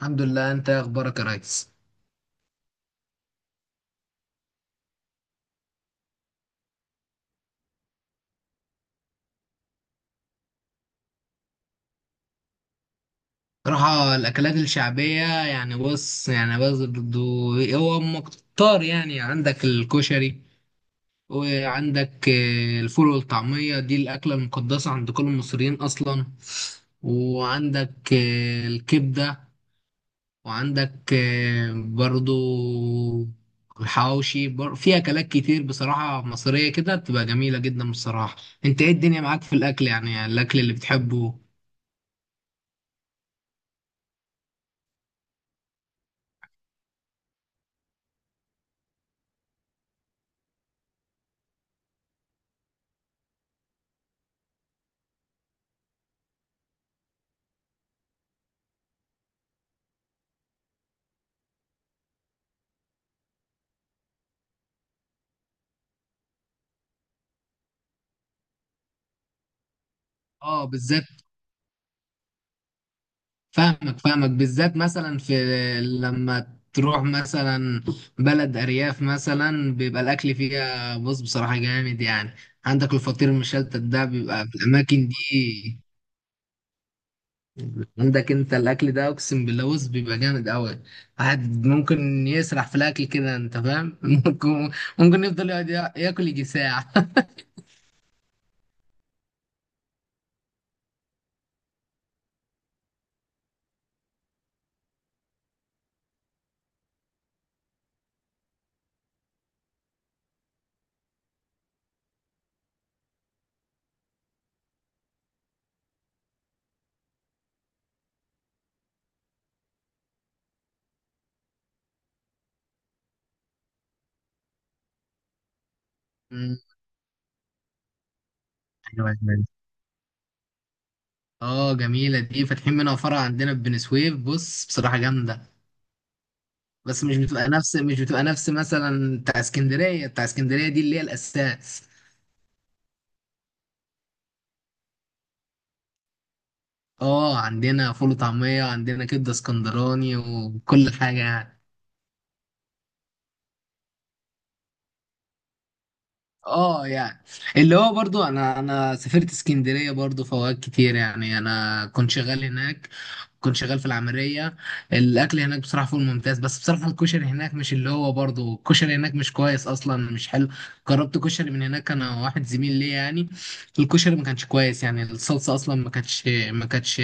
الحمد لله، انت ايه اخبارك يا ريس؟ صراحة الاكلات الشعبية يعني بص برضو. هو مكتار يعني عندك الكشري، وعندك الفول والطعمية دي الاكلة المقدسة عند كل المصريين اصلا. وعندك الكبدة. وعندك برضو الحواوشي في اكلات كتير بصراحة مصرية كده بتبقى جميلة جدا بصراحة. انت ايه الدنيا معاك في الاكل؟ يعني الاكل اللي بتحبه. اه بالذات، فاهمك بالذات مثلا في لما تروح مثلا بلد ارياف، مثلا بيبقى الاكل فيها بص بصراحه جامد يعني. عندك الفطير المشلتت ده بيبقى في الاماكن دي. عندك انت الاكل ده اقسم بالله بص بيبقى جامد قوي. واحد ممكن يسرح في الاكل كده، انت فاهم؟ ممكن يفضل يقعد ياكل يجي ساعه. أمم، أيوة، أيوة. اه جميله دي، فاتحين منها فرع عندنا في بني سويف، بص بصراحه جامده. بس مش بتبقى نفس مثلا بتاع اسكندريه دي اللي هي الاساس. اه عندنا فول وطعميه، عندنا كبده اسكندراني وكل حاجه يعني. اه يعني اللي هو برضو انا انا سافرت اسكندريه برضو، فوائد كتير يعني، انا كنت شغال هناك، كنت شغال في العملية. الأكل هناك بصراحة فوق الممتاز، بس بصراحة الكشري هناك مش اللي هو برضه، الكشري هناك مش كويس أصلا، مش حلو. جربت كشري من هناك أنا واحد زميل ليا يعني، الكشري ما كانش كويس يعني. الصلصة أصلا ما كانتش ما كانتش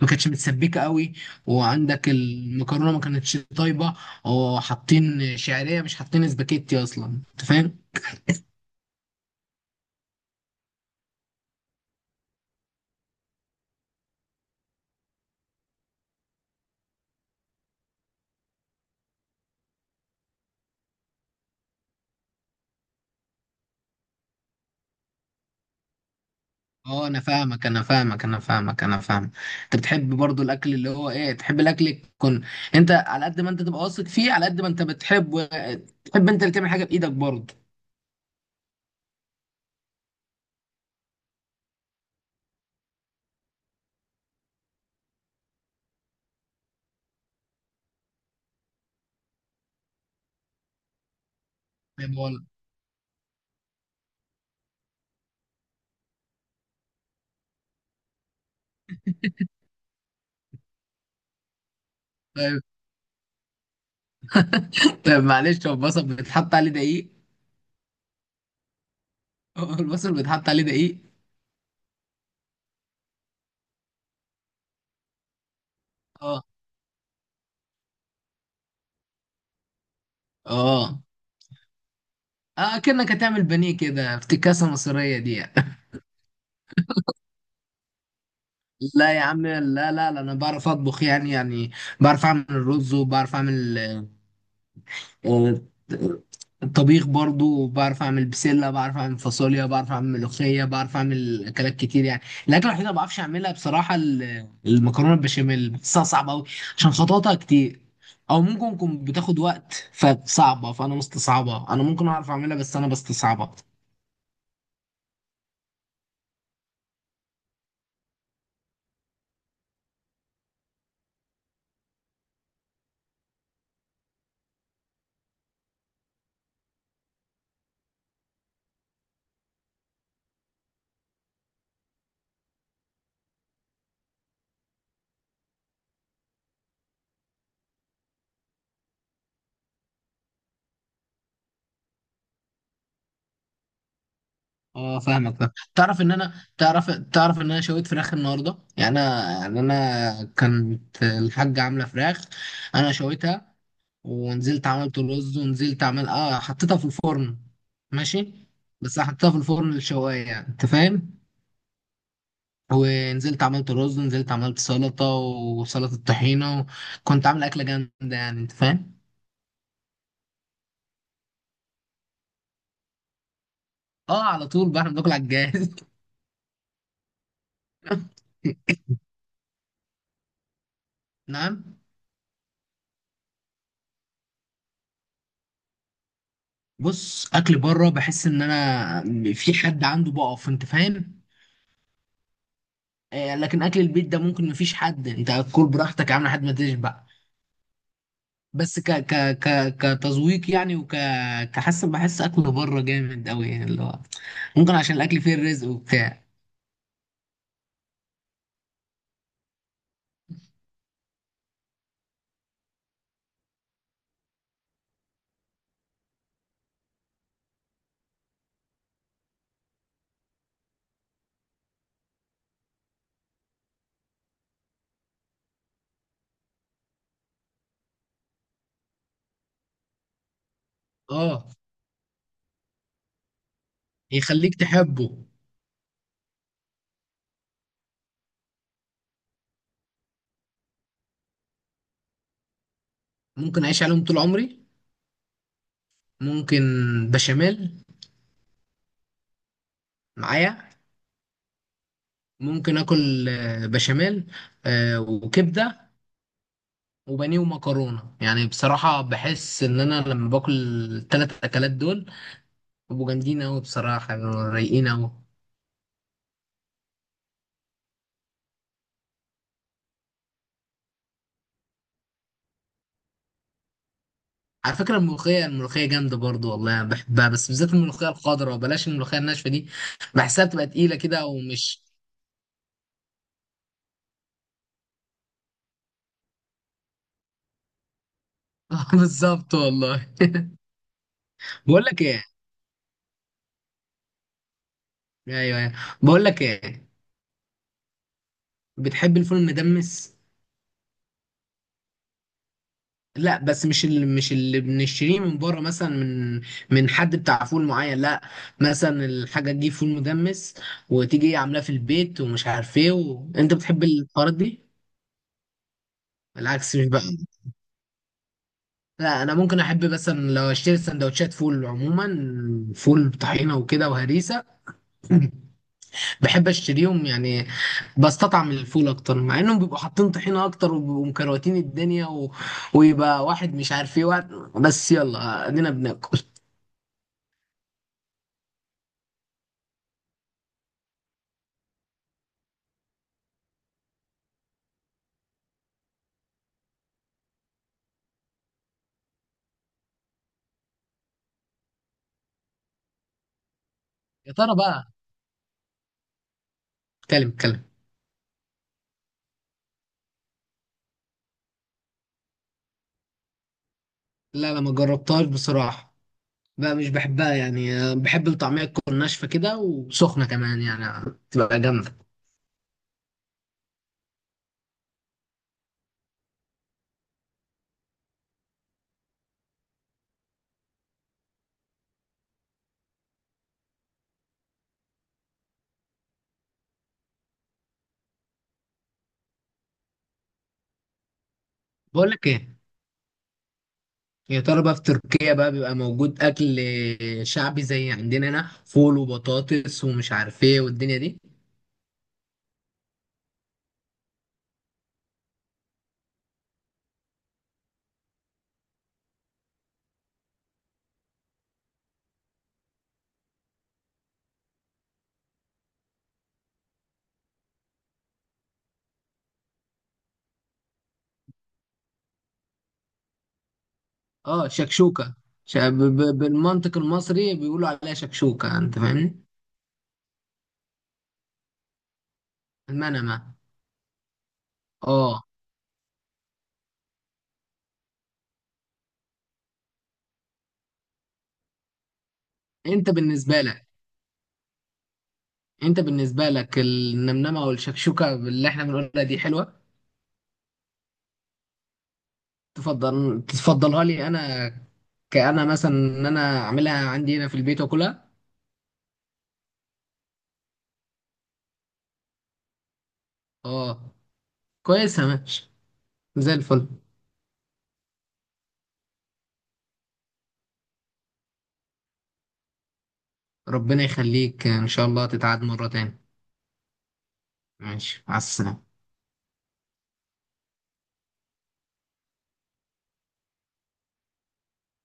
ما كانتش متسبكة قوي. وعندك المكرونة ما كانتش طيبة. وحاطين شعرية، مش حاطين اسباجيتي أصلا، أنت فاهم؟ اه، انا فاهمك، انا فاهم. انت بتحب برضو الاكل اللي هو ايه، تحب الاكل يكون، انت على قد ما انت تبقى واثق فيه، على قد ما انت بتحب تحب انت اللي تعمل حاجه بايدك برضو. طيب والله. طيب طيب، معلش، هو البصل بيتحط عليه دقيق؟ هو البصل بيتحط عليه دقيق؟ اه، اه، اه، كأنك هتعمل بانيه كده، افتكاسه مصريه دي. لا يا عم، لا لا لا، انا بعرف اطبخ يعني، يعني بعرف اعمل الرز، وبعرف اعمل آه، الطبيخ برضو، بعرف اعمل بسله، بعرف اعمل فاصوليا، بعرف اعمل ملوخيه، بعرف اعمل اكلات كتير يعني. الاكله الوحيده ما بعرفش اعملها بصراحه المكرونه البشاميل، بحسها صعبه قوي، عشان خططها كتير، او ممكن تكون بتاخد وقت فصعبه، فانا مستصعبها، انا ممكن اعرف اعملها بس انا بستصعبها. اه فاهمك، فاهم. تعرف ان انا شويت فراخ النهارده، يعني انا كانت الحاجه عامله فراخ، انا شويتها، ونزلت عملت رز، ونزلت عمل اه حطيتها في الفرن. ماشي. بس حطيتها في الفرن الشوايه يعني، انت فاهم؟ ونزلت عملت رز، ونزلت عملت سلطه وسلطه طحينه، كنت عامل اكله جامده يعني، انت فاهم؟ اه على طول بقى، احنا بناكل على الجاهز. نعم. بص اكل بره بحس ان انا في حد عنده بقف، انت فاهم؟ لكن اكل البيت ده ممكن مفيش حد، انت هتاكل براحتك يا عم لحد ما تشبع. بس ك ك ك كتذويق يعني، وك كحس بحس اكل بره جامد قوي يعني، اللي هو ممكن عشان الاكل فيه الرزق وبتاع. اه يخليك تحبه. ممكن اعيش عليهم طول عمري، ممكن بشاميل معايا، ممكن اكل بشاميل، وكبده وبانيه ومكرونه. يعني بصراحه بحس ان انا لما باكل الثلاث اكلات دول، بيبقوا جامدين قوي، بصراحه بيبقوا رايقين قوي. على فكرة الملوخية جامدة برضو والله، أنا بحبها، بس بالذات الملوخية الخضراء، بلاش الملوخية الناشفة دي، بحسها بتبقى تقيلة كده. آه، بالظبط والله. بقول لك ايه. ايوه، ايوه. بقول لك ايه، بتحب الفول المدمس؟ لا بس مش اللي بنشتريه من بره مثلا، من حد بتاع فول معين، لا مثلا الحاجة تجيب فول مدمس وتيجي عاملاه في البيت ومش عارف ايه. انت بتحب الحوارات دي؟ العكس مش بقى. لا انا ممكن احب مثلا لو اشتري سندوتشات فول عموما، فول بطحينه وكده وهريسه. بحب اشتريهم يعني، بستطعم الفول اكتر، مع انهم بيبقوا حاطين طحينه اكتر وبيبقوا مكروتين الدنيا. ويبقى واحد مش عارف ايه واحد، بس يلا ادينا بناكل. يا ترى بقى. اتكلم اتكلم. لا لا، ما جربتهاش بصراحه، بقى مش بحبها يعني، بحب الطعميه تكون ناشفه كده وسخنه كمان يعني، تبقى جامده. بقول لك ايه، يا ترى بقى في تركيا بقى بيبقى موجود أكل شعبي زي عندنا هنا، فول وبطاطس ومش عارف إيه والدنيا دي؟ اه شكشوكة. بالمنطق المصري بيقولوا عليها شكشوكة، أنت فاهمني؟ المنمة، اه. أنت بالنسبة لك أنت بالنسبة لك النمنمة والشكشوكة اللي إحنا بنقولها دي حلوة؟ تفضلها لي أنا، كأنا مثلا إن أنا أعملها عندي هنا في البيت وأكلها؟ اه كويسة، ماشي، زي الفل. ربنا يخليك، إن شاء الله تتعاد مرة تاني. ماشي، مع السلامة.